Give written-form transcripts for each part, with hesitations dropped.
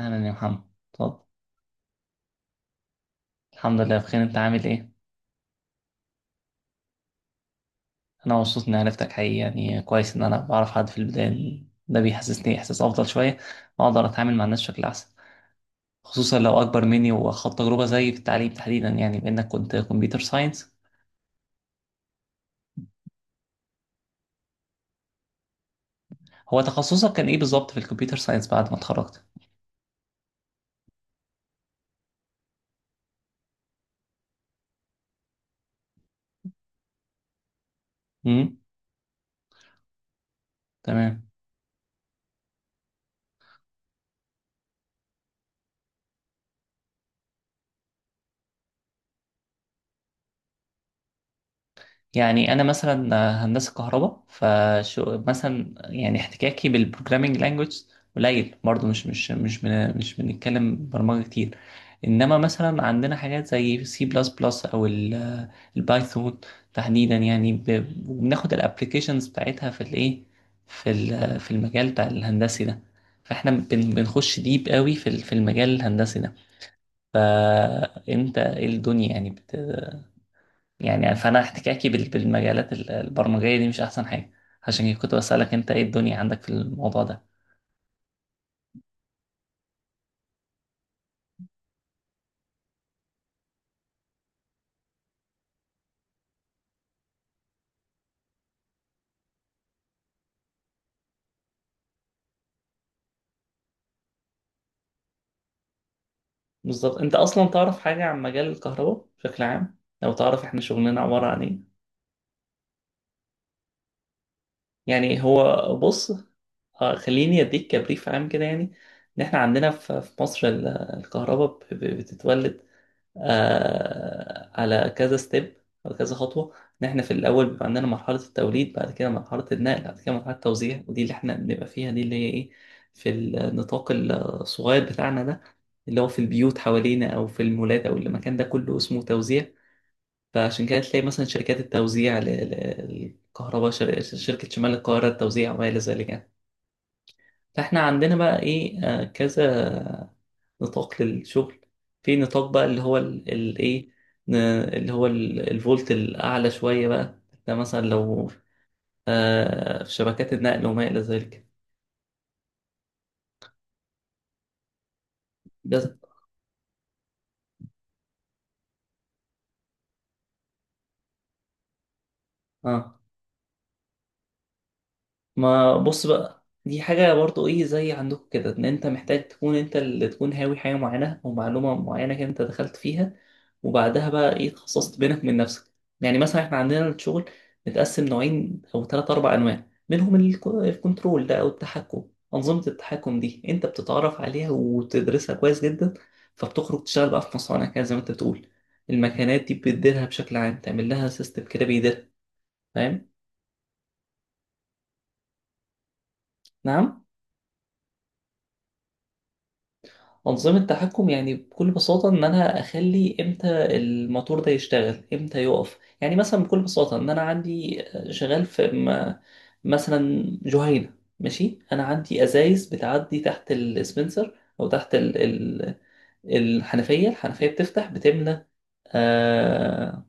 أهلا يا محمد. اتفضل. الحمد لله بخير، أنت عامل إيه؟ أنا مبسوط إني عرفتك حقيقي، يعني كويس إن أنا بعرف حد في البداية، ده بيحسسني إحساس أفضل شوية وأقدر أتعامل مع الناس بشكل أحسن، خصوصا لو أكبر مني وخد تجربة زيي في التعليم تحديدا، يعني بإنك كنت كمبيوتر ساينس. هو تخصصك كان إيه بالظبط في الكمبيوتر ساينس بعد ما اتخرجت؟ امم. تمام. يعني انا مثلا هندسه كهرباء فشو مثلا، يعني احتكاكي بالبروجرامينج لانجويج قليل برضه، مش بنتكلم برمجه كتير. انما مثلا عندنا حاجات زي سي بلس بلس او البايثون تحديدا، يعني بناخد الابلكيشنز بتاعتها في الايه، في في المجال بتاع الهندسي ده. فاحنا بنخش ديب قوي في في المجال الهندسي ده. انت ايه الدنيا يعني؟ يعني فانا احتكاكي بالمجالات البرمجيه دي مش احسن حاجه، عشان كده كنت بسالك انت ايه الدنيا عندك في الموضوع ده. بالظبط، انت اصلا تعرف حاجه عن مجال الكهرباء بشكل عام؟ لو تعرف احنا شغلنا عباره عن ايه. يعني هو بص، خليني اديك كبريف عام كده، يعني ان احنا عندنا في مصر الكهرباء بتتولد آه على كذا ستيب او كذا خطوه. ان احنا في الاول بيبقى عندنا مرحله التوليد، بعد كده مرحله النقل، بعد كده مرحله التوزيع، ودي اللي احنا بنبقى فيها، دي اللي هي ايه، في النطاق الصغير بتاعنا ده اللي هو في البيوت حوالينا او في المولات او المكان ده كله اسمه توزيع. فعشان كده تلاقي مثلا شركات التوزيع للكهرباء، شركه شمال القاهره التوزيع وما الى ذلك يعني. فاحنا عندنا بقى ايه كذا نطاق للشغل. في نطاق بقى اللي هو الايه، اللي هو الفولت الاعلى شويه بقى، ده مثلا لو آه في شبكات النقل وما الى ذلك. بس اه، ما بص بقى، دي حاجة برضو ايه زي عندكم كده، ان انت محتاج تكون انت اللي تكون هاوي حاجة معينة او معلومة معينة كده انت دخلت فيها. وبعدها بقى ايه تخصصت بينك من نفسك. يعني مثلا احنا عندنا الشغل متقسم نوعين او ثلاث اربع انواع، منهم الكنترول ده او التحكم. انظمة التحكم دي انت بتتعرف عليها وتدرسها كويس جدا، فبتخرج تشتغل بقى في مصانع كده زي ما انت بتقول. المكانات دي بتديرها بشكل عام، تعمل لها سيستم كده بيديرها. فاهم؟ نعم، أنظمة تحكم يعني بكل بساطة إن أنا أخلي إمتى الموتور ده يشتغل إمتى يقف، يعني مثلا بكل بساطة إن أنا عندي شغال في مثلا جهينة، ماشي. أنا عندي أزايز بتعدي تحت السبنسر أو تحت الحنفية، الحنفية بتفتح بتملى، آه،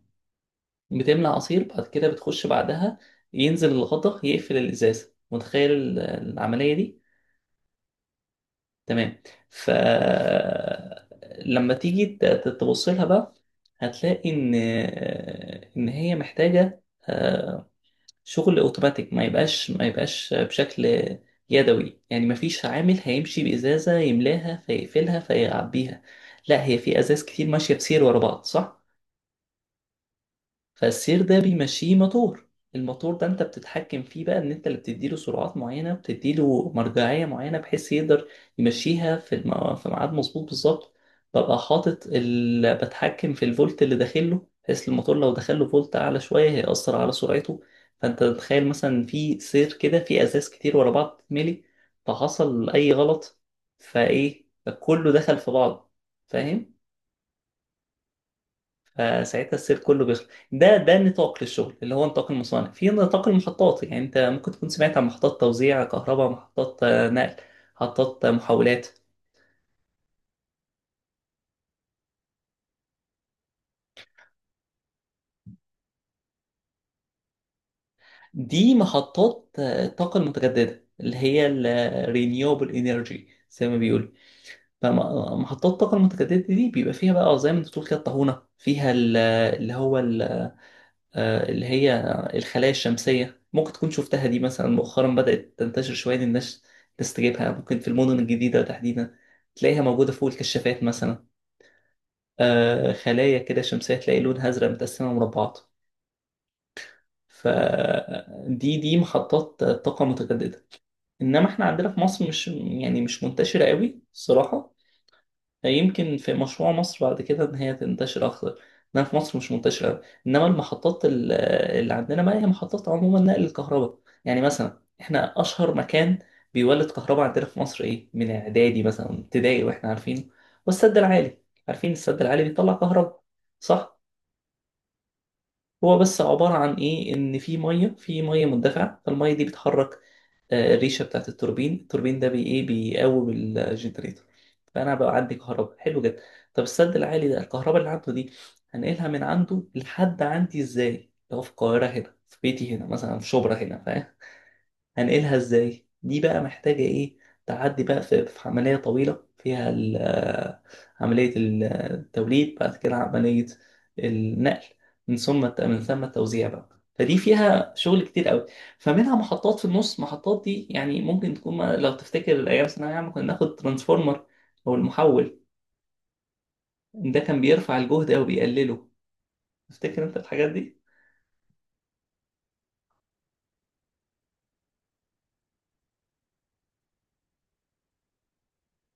بتملى عصير، بعد كده بتخش بعدها ينزل الغطا يقفل الإزازة، متخيل العملية دي؟ تمام. ف لما تيجي تبص لها بقى هتلاقي ان هي محتاجه آه، شغل اوتوماتيك، ما يبقاش بشكل يدوي، يعني ما فيش عامل هيمشي بازازه يملاها فيقفلها فيعبيها. لا، هي في ازاز كتير ماشيه بسير ورا بعض، صح؟ فالسير ده بيمشيه موتور. الموتور ده انت بتتحكم فيه بقى، ان انت اللي بتديله سرعات معينه، بتديله مرجعيه معينه بحيث يقدر يمشيها في في ميعاد مظبوط بالظبط. ببقى حاطط بتحكم في الفولت اللي داخله، بحيث الموتور لو دخله فولت اعلى شويه هيأثر على سرعته. فانت تتخيل مثلا في سير كده في ازاز كتير ورا بعض تتملي، فحصل اي غلط، فايه، فكله دخل في بعض. فاهم؟ فساعتها السير كله بيخلص. ده ده نطاق للشغل اللي هو نطاق المصانع. في نطاق المحطات، يعني انت ممكن تكون سمعت عن محطات توزيع كهرباء، محطات نقل، محطات محولات. دي محطات الطاقة المتجددة اللي هي ال آه، renewable energy زي ما بيقولوا. فمحطات الطاقة المتجددة دي بيبقى فيها بقى زي ما انت بتقول كده، الطاحونة فيها اللي هو اللي هي الخلايا الشمسية. ممكن تكون شفتها دي مثلا، مؤخرا بدأت تنتشر شوية إن الناس تستجيبها، ممكن في المدن الجديدة تحديدا تلاقيها موجودة فوق الكشافات مثلا، خلايا كده شمسية تلاقي لونها أزرق متقسمة مربعات. فدي دي محطات طاقة متجددة. إنما إحنا عندنا في مصر مش، يعني مش منتشرة قوي الصراحة. يمكن في مشروع مصر بعد كده ان هي تنتشر اكتر، انها في مصر مش منتشره أوي. انما المحطات اللي عندنا بقى هي محطات عموما نقل الكهرباء. يعني مثلا احنا اشهر مكان بيولد كهرباء عندنا في مصر ايه، من اعدادي مثلا ابتدائي واحنا عارفينه، والسد العالي. عارفين السد العالي بيطلع كهرباء، صح؟ هو بس عباره عن ايه، ان في ميه، في ميه مندفعه، فالميه دي بتحرك الريشه بتاعت التوربين، التوربين ده بي ايه، بيقوم الجنريتور. فانا بقى عندي كهرباء، حلو جدا. طب السد العالي ده الكهرباء اللي عنده دي هنقلها من عنده لحد عندي ازاي، لو في القاهره هنا في بيتي هنا مثلا في شبرا هنا، فاهم؟ هنقلها ازاي، دي بقى محتاجة ايه، تعدي بقى في عملية طويلة فيها عملية التوليد، بعد كده عملية النقل، من ثم التوزيع بقى. فدي فيها شغل كتير قوي. فمنها محطات في النص، محطات دي يعني ممكن تكون لو تفتكر ايام ثانويه عامه كنا ناخد ترانسفورمر او المحول، ده كان بيرفع الجهد او بيقلله. تفتكر انت الحاجات دي؟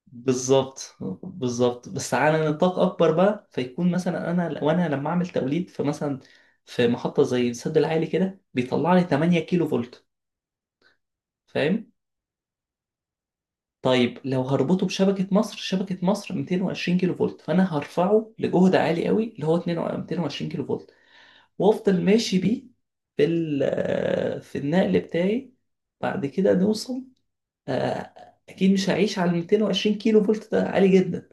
بالظبط، بالظبط بس على نطاق اكبر بقى. فيكون مثلا انا، وانا لما اعمل توليد في مثلا في محطه زي السد العالي كده بيطلع لي 8 كيلو فولت، فاهم؟ طيب لو هربطه بشبكه مصر، شبكه مصر 220 كيلو فولت، فانا هرفعه لجهد عالي قوي اللي هو 22 220 كيلو فولت، وافضل ماشي بيه في في النقل بتاعي. بعد كده نوصل، آه، اكيد مش هعيش على 220 كيلو فولت، ده عالي جدا.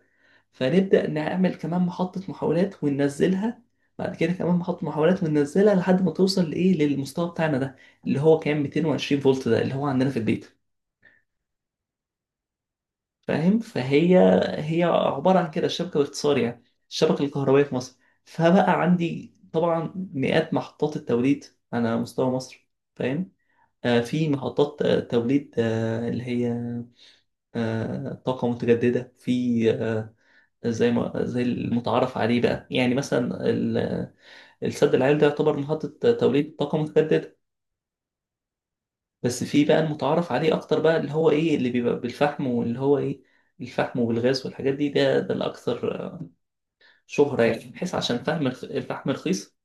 فنبدأ نعمل كمان محطة محاولات وننزلها، بعد كده كمان محطة محاولات وننزلها لحد ما توصل لإيه، للمستوى بتاعنا ده اللي هو كان 220 فولت، ده اللي هو عندنا في البيت. فاهم؟ فهي، هي عبارة عن كده الشبكة باختصار يعني، الشبكة الكهربائية في مصر. فبقى عندي طبعا مئات محطات التوليد على مستوى مصر، فاهم؟ آه في محطات توليد آه اللي هي آه طاقة متجددة، في زي ما، زي المتعارف عليه بقى، يعني مثلا السد العالي ده يعتبر محطة توليد طاقة متجددة. بس في بقى المتعارف عليه أكتر بقى، اللي هو إيه، اللي بيبقى بالفحم واللي هو إيه، الفحم والغاز والحاجات دي، ده ده الأكثر شهرة يعني، بحيث عشان فحم الفحم رخيص،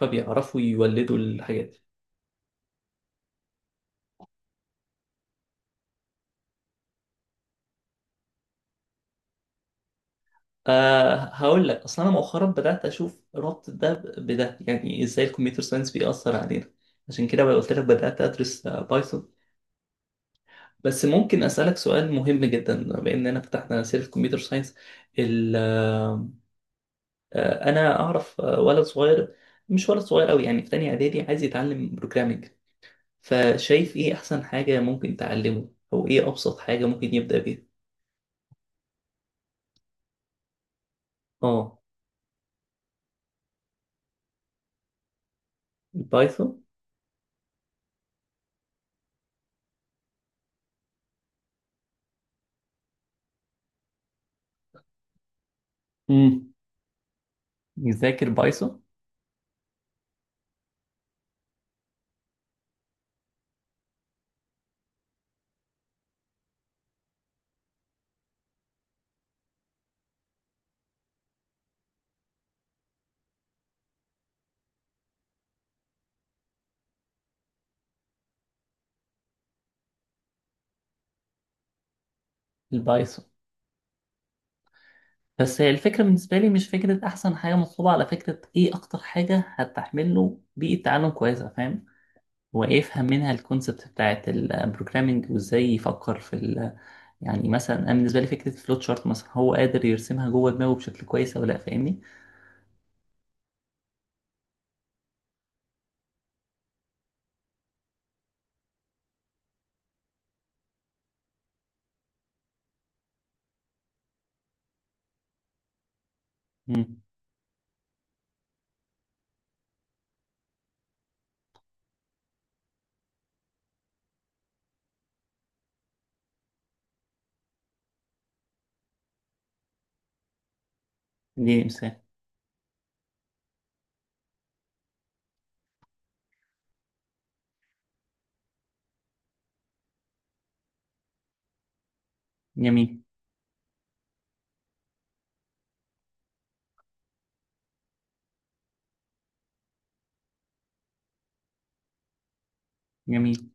فبيعرفوا يولدوا الحاجات دي. أه، هقول لك، أصلا أنا مؤخرا بدأت أشوف ربط ده بده، يعني إزاي الكمبيوتر ساينس بيأثر علينا، عشان كده بقى قلت لك بدأت أدرس بايثون. بس ممكن أسألك سؤال مهم جدا بما إننا فتحنا سيرة كمبيوتر ساينس، ال- آه، أنا أعرف ولد صغير، مش ولد صغير أوي يعني، في تانية إعدادي عايز يتعلم بروجرامينج، فشايف إيه أحسن حاجة ممكن تعلمه أو إيه أبسط حاجة ممكن يبدأ بيها؟ آه. البايثون. امم. يذاكر بايثون. البايثون. بس هي الفكرة بالنسبة لي مش فكرة أحسن حاجة مطلوبة، على فكرة إيه أكتر حاجة هتحمل له بيئة تعلم كويسة، فاهم؟ ويفهم منها الكونسبت بتاعت البروجرامينج، وازاي يفكر في ال، يعني مثلا انا بالنسبه لي فكره الفلوت شارت مثلا هو قادر يرسمها جوه دماغه بشكل كويس او لا، فاهمني؟ امم. دي مثال. جميل. جميل.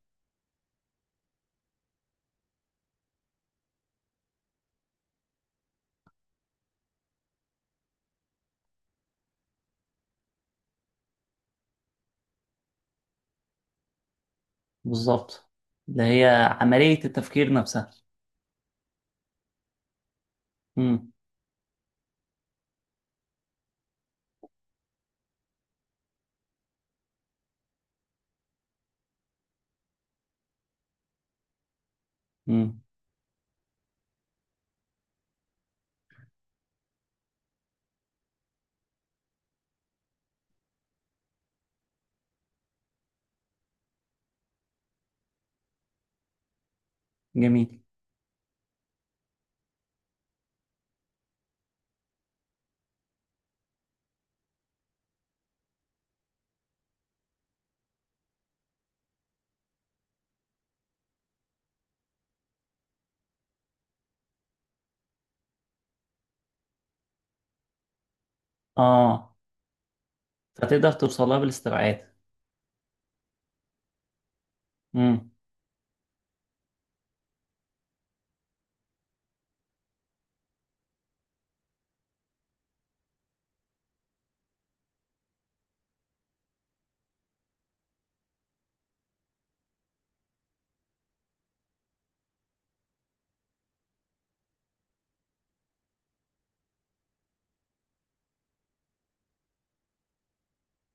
بالظبط، اللي هي عمليه التفكير نفسها. امم. امم. جميل. اه، فتقدر توصلها بالاستبعاد. امم.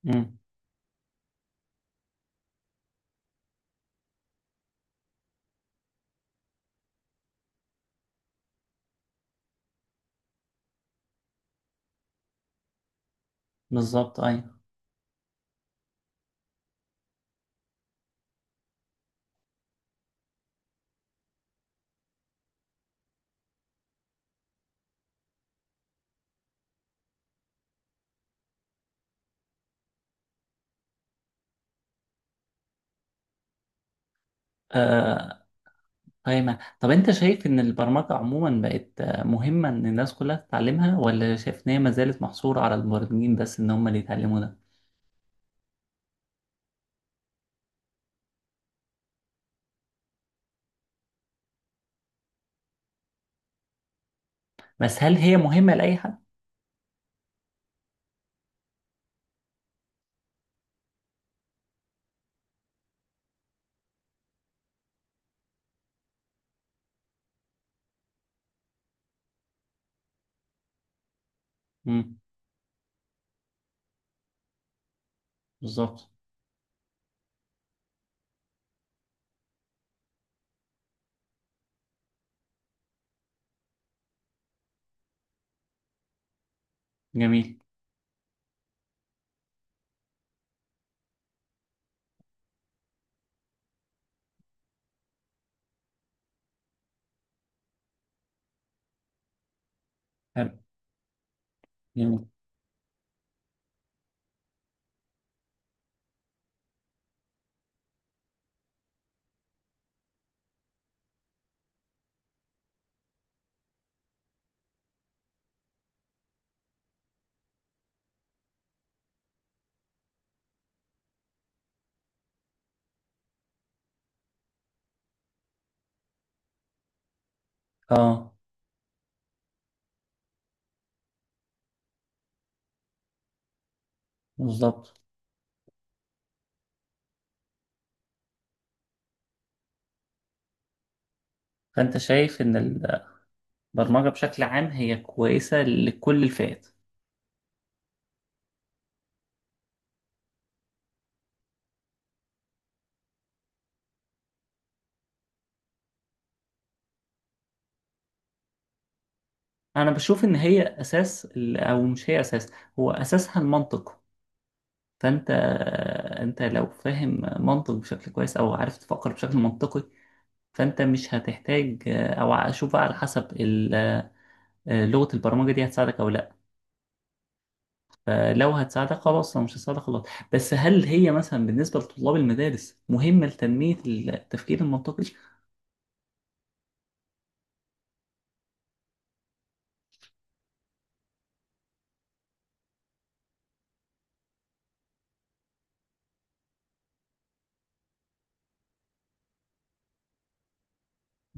امم. بالظبط، ايوه. آه، طيب طب انت شايف ان البرمجة عموما بقت مهمة ان الناس كلها تتعلمها، ولا شايف ان هي ما زالت محصورة على المبرمجين بس ان هم اللي يتعلموا ده؟ بس هل هي مهمة لأي حد؟ امم. بالظبط. جميل. حلو. جميل. اه. بالظبط. فانت شايف ان البرمجة بشكل عام هي كويسة لكل الفئات. انا بشوف ان هي اساس او مش هي اساس، هو اساسها المنطق. فانت، انت لو فاهم منطق بشكل كويس او عارف تفكر بشكل منطقي، فانت مش هتحتاج او اشوف بقى على حسب لغة البرمجة دي هتساعدك او لا، فلو هتساعدك خلاص، لو مش هتساعدك خلاص. بس هل هي مثلا بالنسبة لطلاب المدارس مهمة لتنمية التفكير المنطقي؟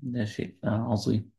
ده شيء عظيم.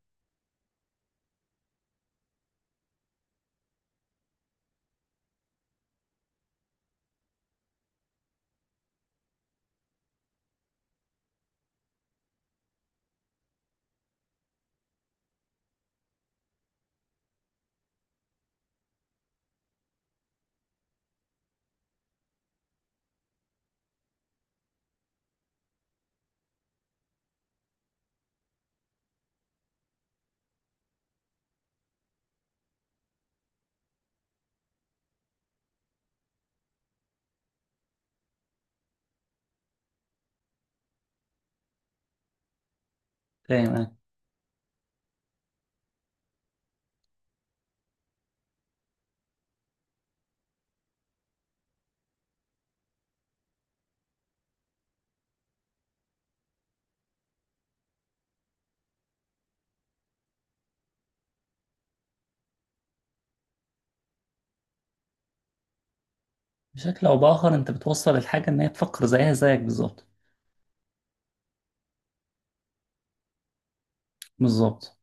فاهم أنا. بشكل او باخر انت بتوصل الحاجة ان هي تفكر زيها زيك بالظبط. بالظبط.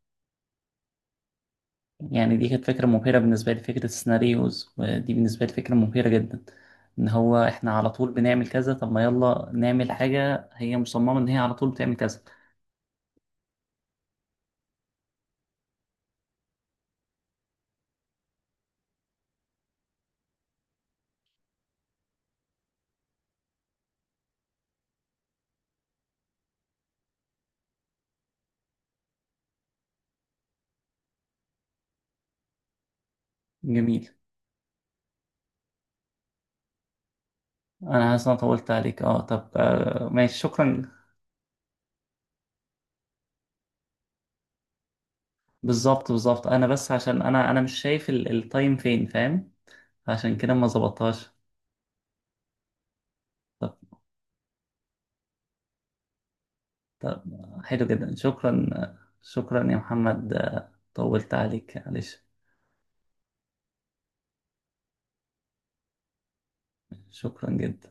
يعني دي كانت فكرة مبهرة بالنسبة لي، فكرة السيناريوز ودي بالنسبة لي فكرة مبهرة جدا، ان هو احنا على طول بنعمل كذا، طب ما يلا نعمل حاجة هي مصممة ان هي على طول بتعمل كذا. جميل. انا حاسس إن انا طولت عليك، اه طب آه ماشي، شكرا. بالظبط، بالظبط، انا بس عشان انا، انا مش شايف التايم فين، فاهم، عشان كده ما ظبطهاش. طب, طب حلو جدا، شكرا، شكرا يا محمد، طولت عليك معلش. شكرا جدا.